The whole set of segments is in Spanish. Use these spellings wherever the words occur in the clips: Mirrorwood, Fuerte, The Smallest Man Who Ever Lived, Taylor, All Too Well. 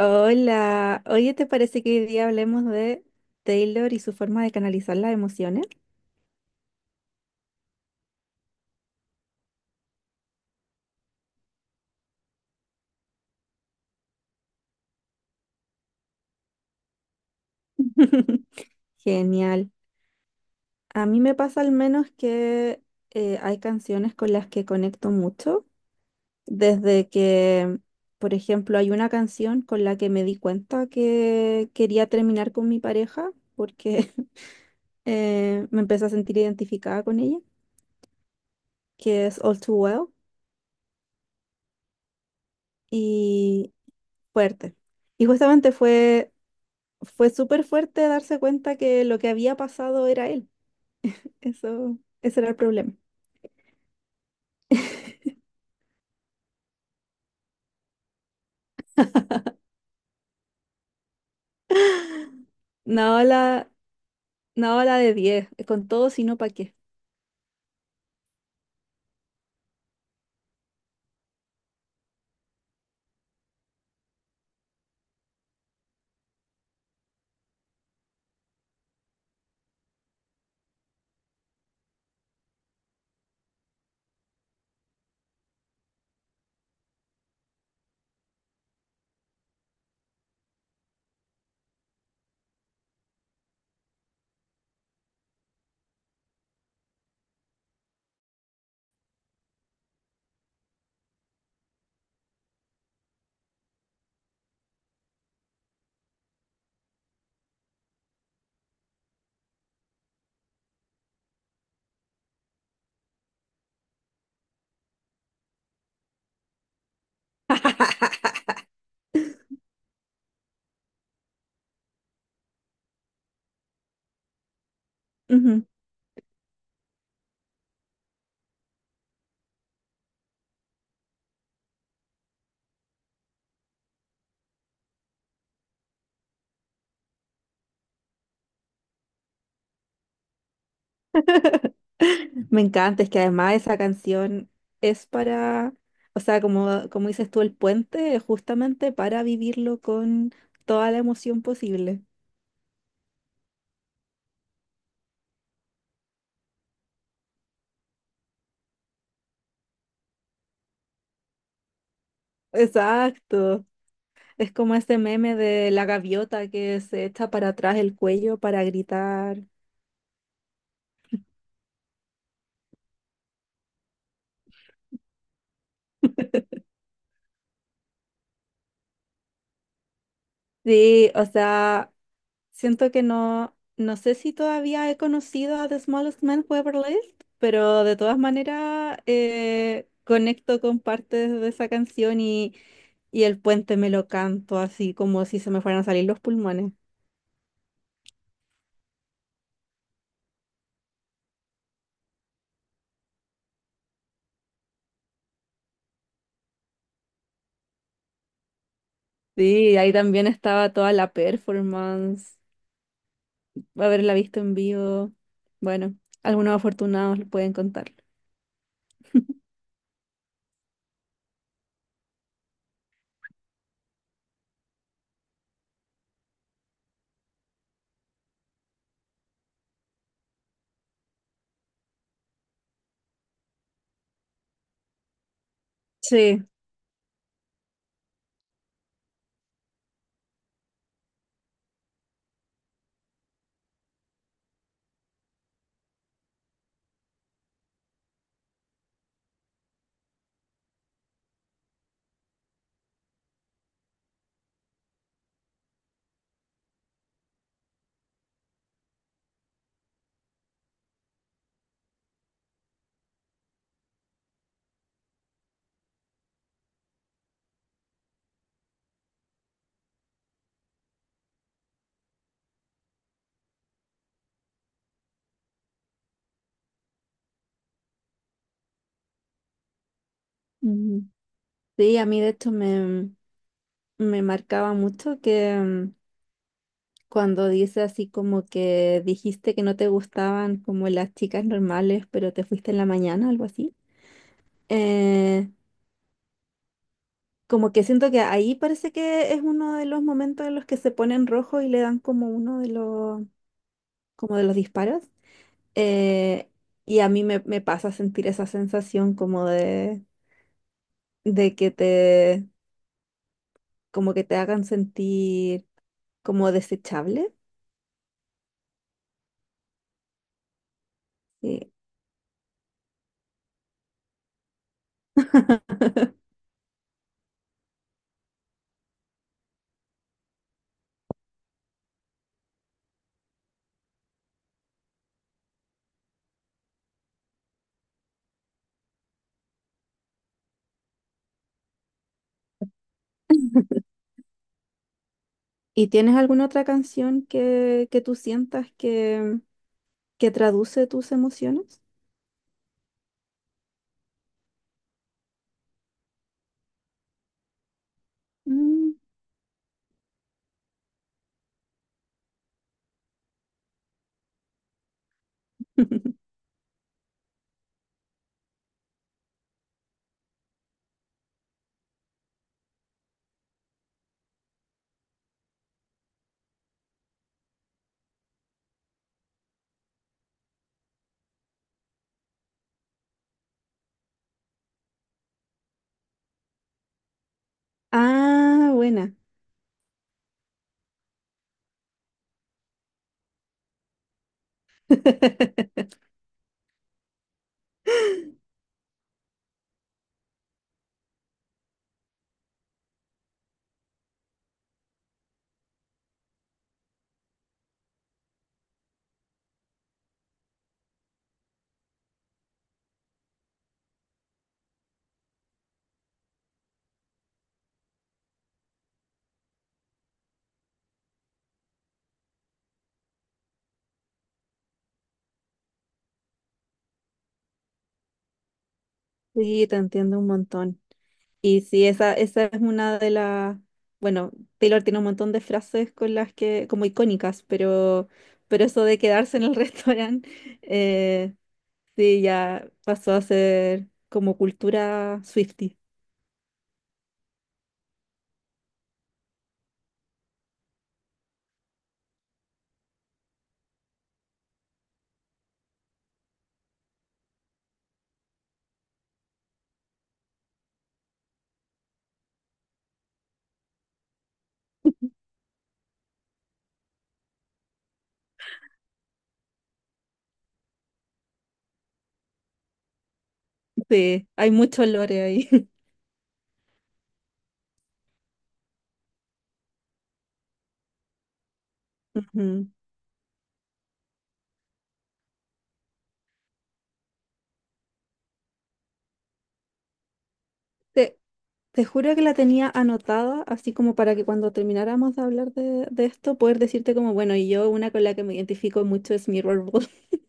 Hola, oye, ¿te parece que hoy día hablemos de Taylor y su forma de canalizar las emociones? Genial. A mí me pasa al menos que hay canciones con las que conecto mucho, desde que, por ejemplo, hay una canción con la que me di cuenta que quería terminar con mi pareja porque me empecé a sentir identificada con ella, que es All Too Well y Fuerte. Y justamente fue súper fuerte darse cuenta que lo que había pasado era él. Eso, ese era el problema. No la, no la de 10 con todo sino pa' qué. Ujú. Me encanta, es que además esa canción es para, o sea, como, como dices tú, el puente es justamente para vivirlo con toda la emoción posible. Exacto. Es como ese meme de la gaviota que se echa para atrás el cuello para gritar. Sí, o sea, siento que no, no sé si todavía he conocido a The Smallest Man Who Ever Lived, pero de todas maneras conecto con partes de esa canción y el puente me lo canto así como si se me fueran a salir los pulmones. Sí, ahí también estaba toda la performance, haberla visto en vivo. Bueno, algunos afortunados lo pueden contar. Sí. Mm. Sí, a mí de hecho me marcaba mucho que cuando dice así como que dijiste que no te gustaban como las chicas normales, pero te fuiste en la mañana, algo así. Eh, como que siento que ahí parece que es uno de los momentos en los que se ponen rojo y le dan como uno de los, como de los disparos. Eh, y a mí me pasa sentir esa sensación como de que te, como que te hagan sentir como desechable. Sí. ¿Y tienes alguna otra canción que tú sientas que qué traduce tus emociones? Mm. Ah, buena. Sí, te entiendo un montón. Y sí, esa es una de las, bueno, Taylor tiene un montón de frases con las que, como icónicas, pero eso de quedarse en el restaurante, eh, sí, ya pasó a ser como cultura Swifty. Sí, hay mucho lore ahí. Ujú. Te- Te juro que la tenía anotada, así como para que cuando termináramos de hablar de esto, poder decirte como, bueno, y yo una con la que me identifico mucho es Mirrorwood.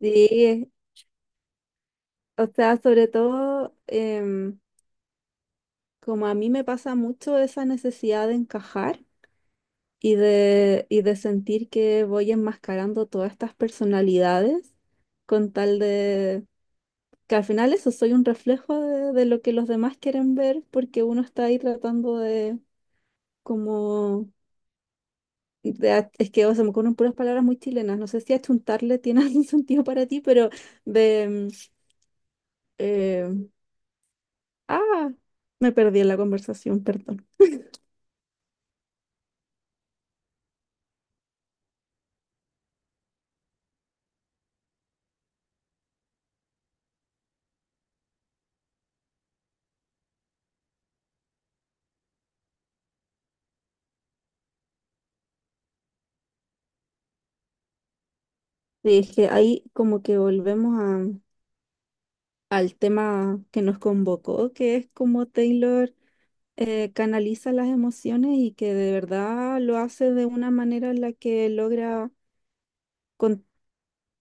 Sí, o sea, sobre todo, como a mí me pasa mucho esa necesidad de encajar y de sentir que voy enmascarando todas estas personalidades con tal de que al final eso soy un reflejo de lo que los demás quieren ver porque uno está ahí tratando de como de es que o sea, me ocurren puras palabras muy chilenas. No sé si achuntarle tiene algún sentido para ti, pero de... eh, ah, me perdí en la conversación, perdón. Sí, es que ahí como que al tema que nos convocó, que es como Taylor canaliza las emociones y que de verdad lo hace de una manera en la que logra con-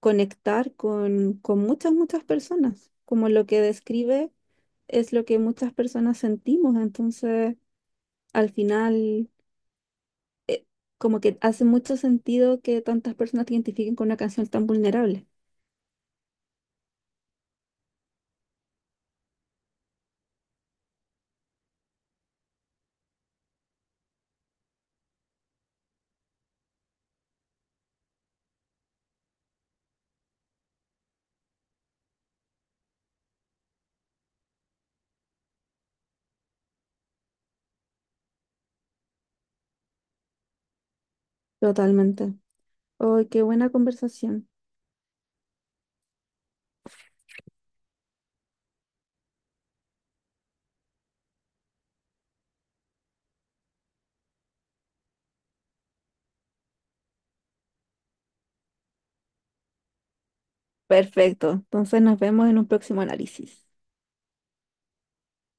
conectar con muchas, muchas personas, como lo que describe es lo que muchas personas sentimos. Entonces, al final eh, como que hace mucho sentido que tantas personas te identifiquen con una canción tan vulnerable. Totalmente. ¡Ay, qué buena conversación! Perfecto. Entonces nos vemos en un próximo análisis.